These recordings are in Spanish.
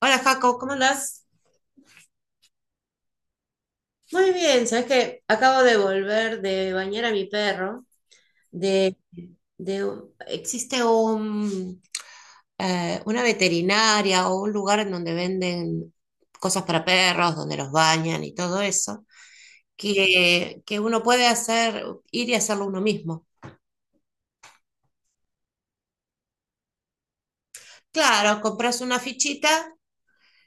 Hola Jaco, ¿cómo andás? Muy bien, sabes que acabo de volver de bañar a mi perro. De, de, existe un, una veterinaria o un lugar en donde venden cosas para perros, donde los bañan y todo eso, que uno puede hacer, ir y hacerlo uno mismo. Claro, compras una fichita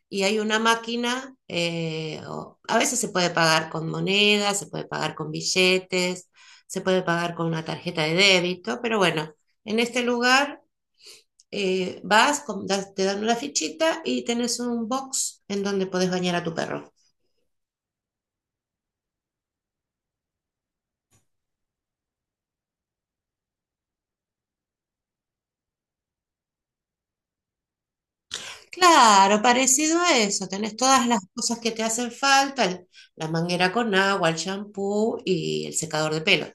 y hay una máquina, a veces se puede pagar con monedas, se puede pagar con billetes, se puede pagar con una tarjeta de débito, pero bueno, en este lugar, vas, te dan una fichita y tenés un box en donde podés bañar a tu perro. Claro, parecido a eso, tenés todas las cosas que te hacen falta, la manguera con agua, el shampoo y el secador de pelo.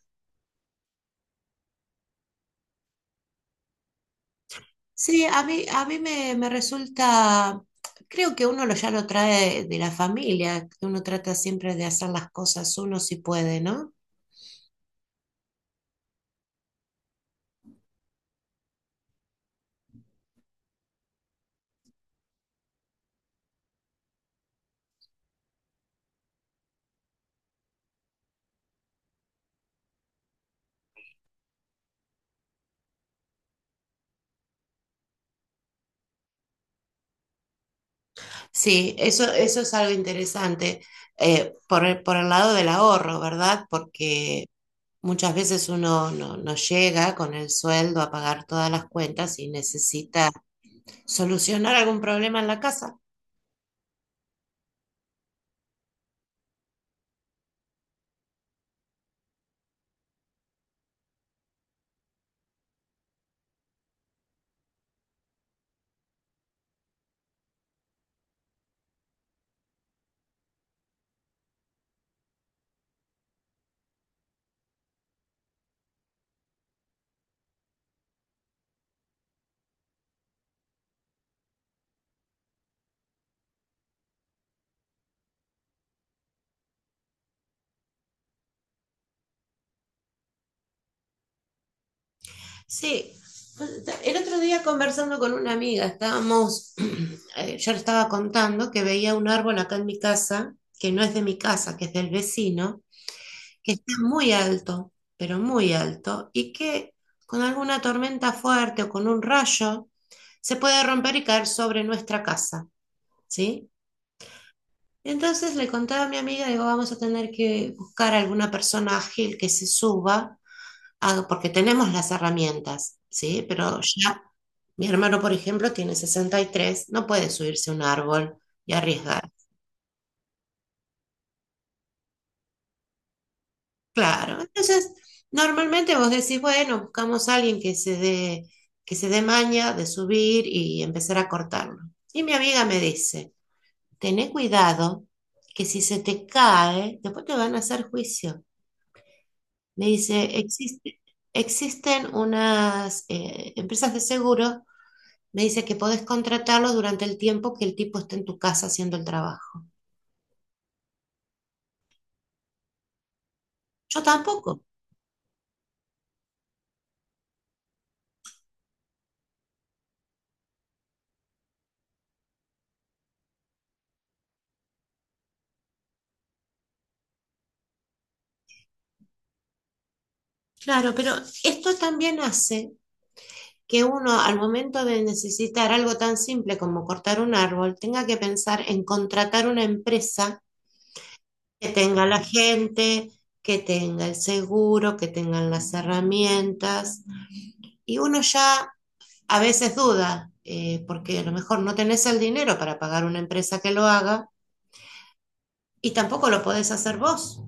Sí, a mí me resulta, creo que uno ya lo trae de la familia, que uno trata siempre de hacer las cosas uno si puede, ¿no? Sí, eso es algo interesante, por el lado del ahorro, ¿verdad? Porque muchas veces uno no llega con el sueldo a pagar todas las cuentas y necesita solucionar algún problema en la casa. Sí, pues, el otro día conversando con una amiga, yo le estaba contando que veía un árbol acá en mi casa, que no es de mi casa, que es del vecino, que está muy alto, pero muy alto, y que con alguna tormenta fuerte o con un rayo se puede romper y caer sobre nuestra casa, ¿sí? Entonces le contaba a mi amiga, digo, vamos a tener que buscar alguna persona ágil que se suba, porque tenemos las herramientas, ¿sí? Pero ya mi hermano, por ejemplo, tiene 63, no puede subirse a un árbol y arriesgar. Claro, entonces normalmente vos decís, bueno, buscamos a alguien que se dé maña de subir y empezar a cortarlo. Y mi amiga me dice, tené cuidado que si se te cae, después te van a hacer juicio. Me dice, Existen unas empresas de seguro, me dice que podés contratarlo durante el tiempo que el tipo esté en tu casa haciendo el trabajo." Yo tampoco. Claro, pero esto también hace que uno al momento de necesitar algo tan simple como cortar un árbol, tenga que pensar en contratar una empresa que tenga la gente, que tenga el seguro, que tengan las herramientas. Y uno ya a veces duda, porque a lo mejor no tenés el dinero para pagar una empresa que lo haga y tampoco lo podés hacer vos.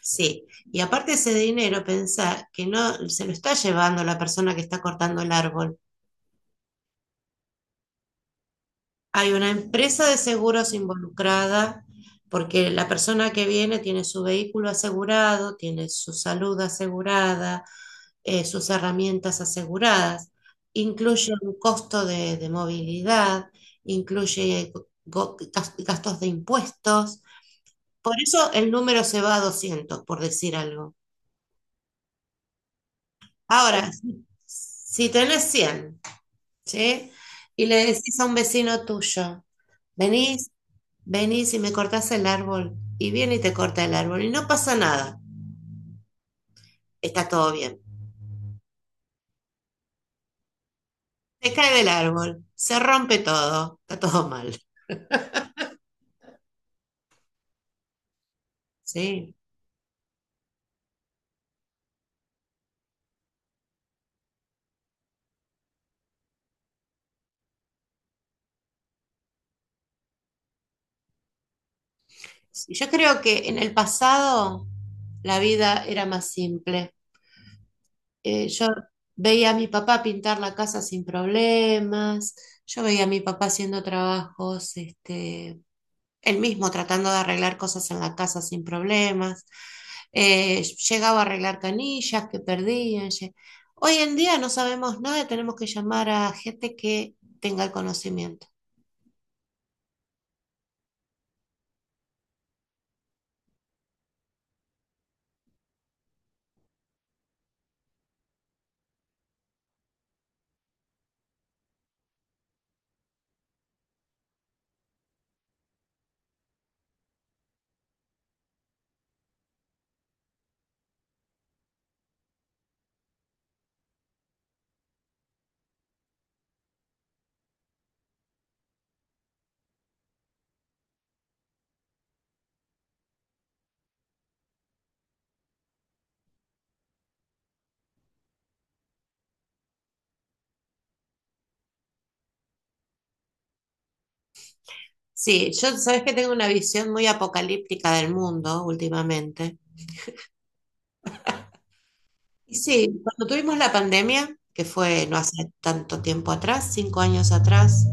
Sí, y aparte ese dinero, pensá que no se lo está llevando la persona que está cortando el árbol. Hay una empresa de seguros involucrada porque la persona que viene tiene su vehículo asegurado, tiene su salud asegurada, sus herramientas aseguradas. Incluye un costo de movilidad, incluye go- gastos de impuestos. Por eso el número se va a 200 por decir algo. Ahora, si tenés 100, ¿sí? Y le decís a un vecino tuyo, venís, venís y me cortás el árbol, y viene y te corta el árbol, y no pasa nada, está todo bien. Se cae del árbol, se rompe todo, está todo mal, ¿sí? Sí, yo creo que en el pasado la vida era más simple. Yo veía a mi papá pintar la casa sin problemas, yo veía a mi papá haciendo trabajos, este, él mismo tratando de arreglar cosas en la casa sin problemas. Eh, Llegaba a arreglar canillas que perdían. Hoy en día no sabemos nada, tenemos que llamar a gente que tenga el conocimiento. Sí, yo sabes que tengo una visión muy apocalíptica del mundo últimamente. Y sí, cuando tuvimos la pandemia, que fue no hace tanto tiempo atrás, 5 años atrás,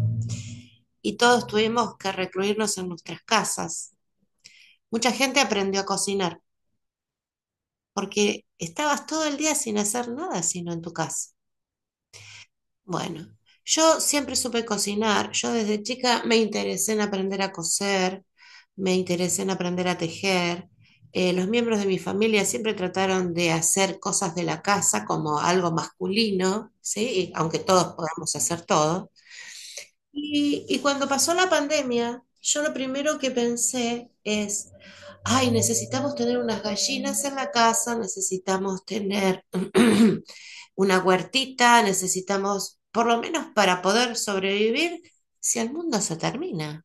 y todos tuvimos que recluirnos en nuestras casas, mucha gente aprendió a cocinar, porque estabas todo el día sin hacer nada sino en tu casa. Bueno, yo siempre supe cocinar. Yo desde chica me interesé en aprender a coser, me interesé en aprender a tejer. Los miembros de mi familia siempre trataron de hacer cosas de la casa como algo masculino, ¿sí? Y aunque todos podamos hacer todo. Y cuando pasó la pandemia, yo lo primero que pensé es, ay, necesitamos tener unas gallinas en la casa, necesitamos tener una huertita, necesitamos, por lo menos para poder sobrevivir, si el mundo se termina.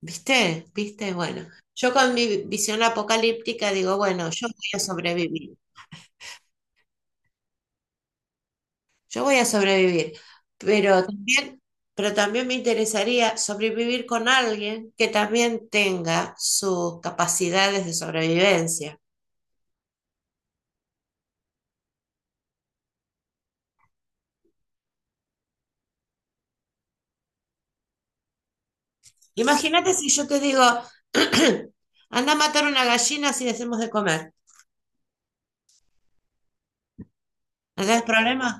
¿Viste? ¿Viste? Bueno, yo con mi visión apocalíptica digo, bueno, yo voy a sobrevivir, yo voy a sobrevivir, pero también, pero también, me interesaría sobrevivir con alguien que también tenga sus capacidades de sobrevivencia. Imagínate si yo te digo, anda a matar una gallina si le hacemos de comer. ¿No tenés problema?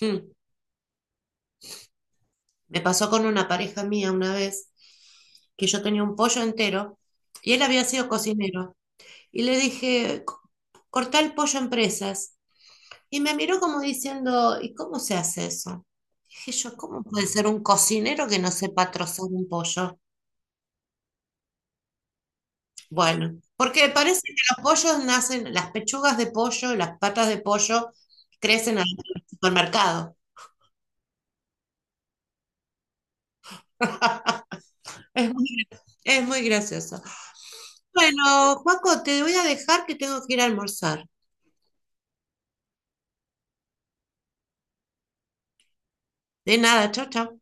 Hmm. Me pasó con una pareja mía una vez que yo tenía un pollo entero y él había sido cocinero. Y le dije, Cortá el pollo en presas." Y me miró como diciendo, ¿y cómo se hace eso? Dije yo, ¿cómo puede ser un cocinero que no sepa trozar un pollo? Bueno, porque parece que los pollos nacen, las pechugas de pollo, las patas de pollo crecen al supermercado. Es muy, es muy gracioso. Bueno, Paco, te voy a dejar que tengo que ir a almorzar. De nada, chao, chao.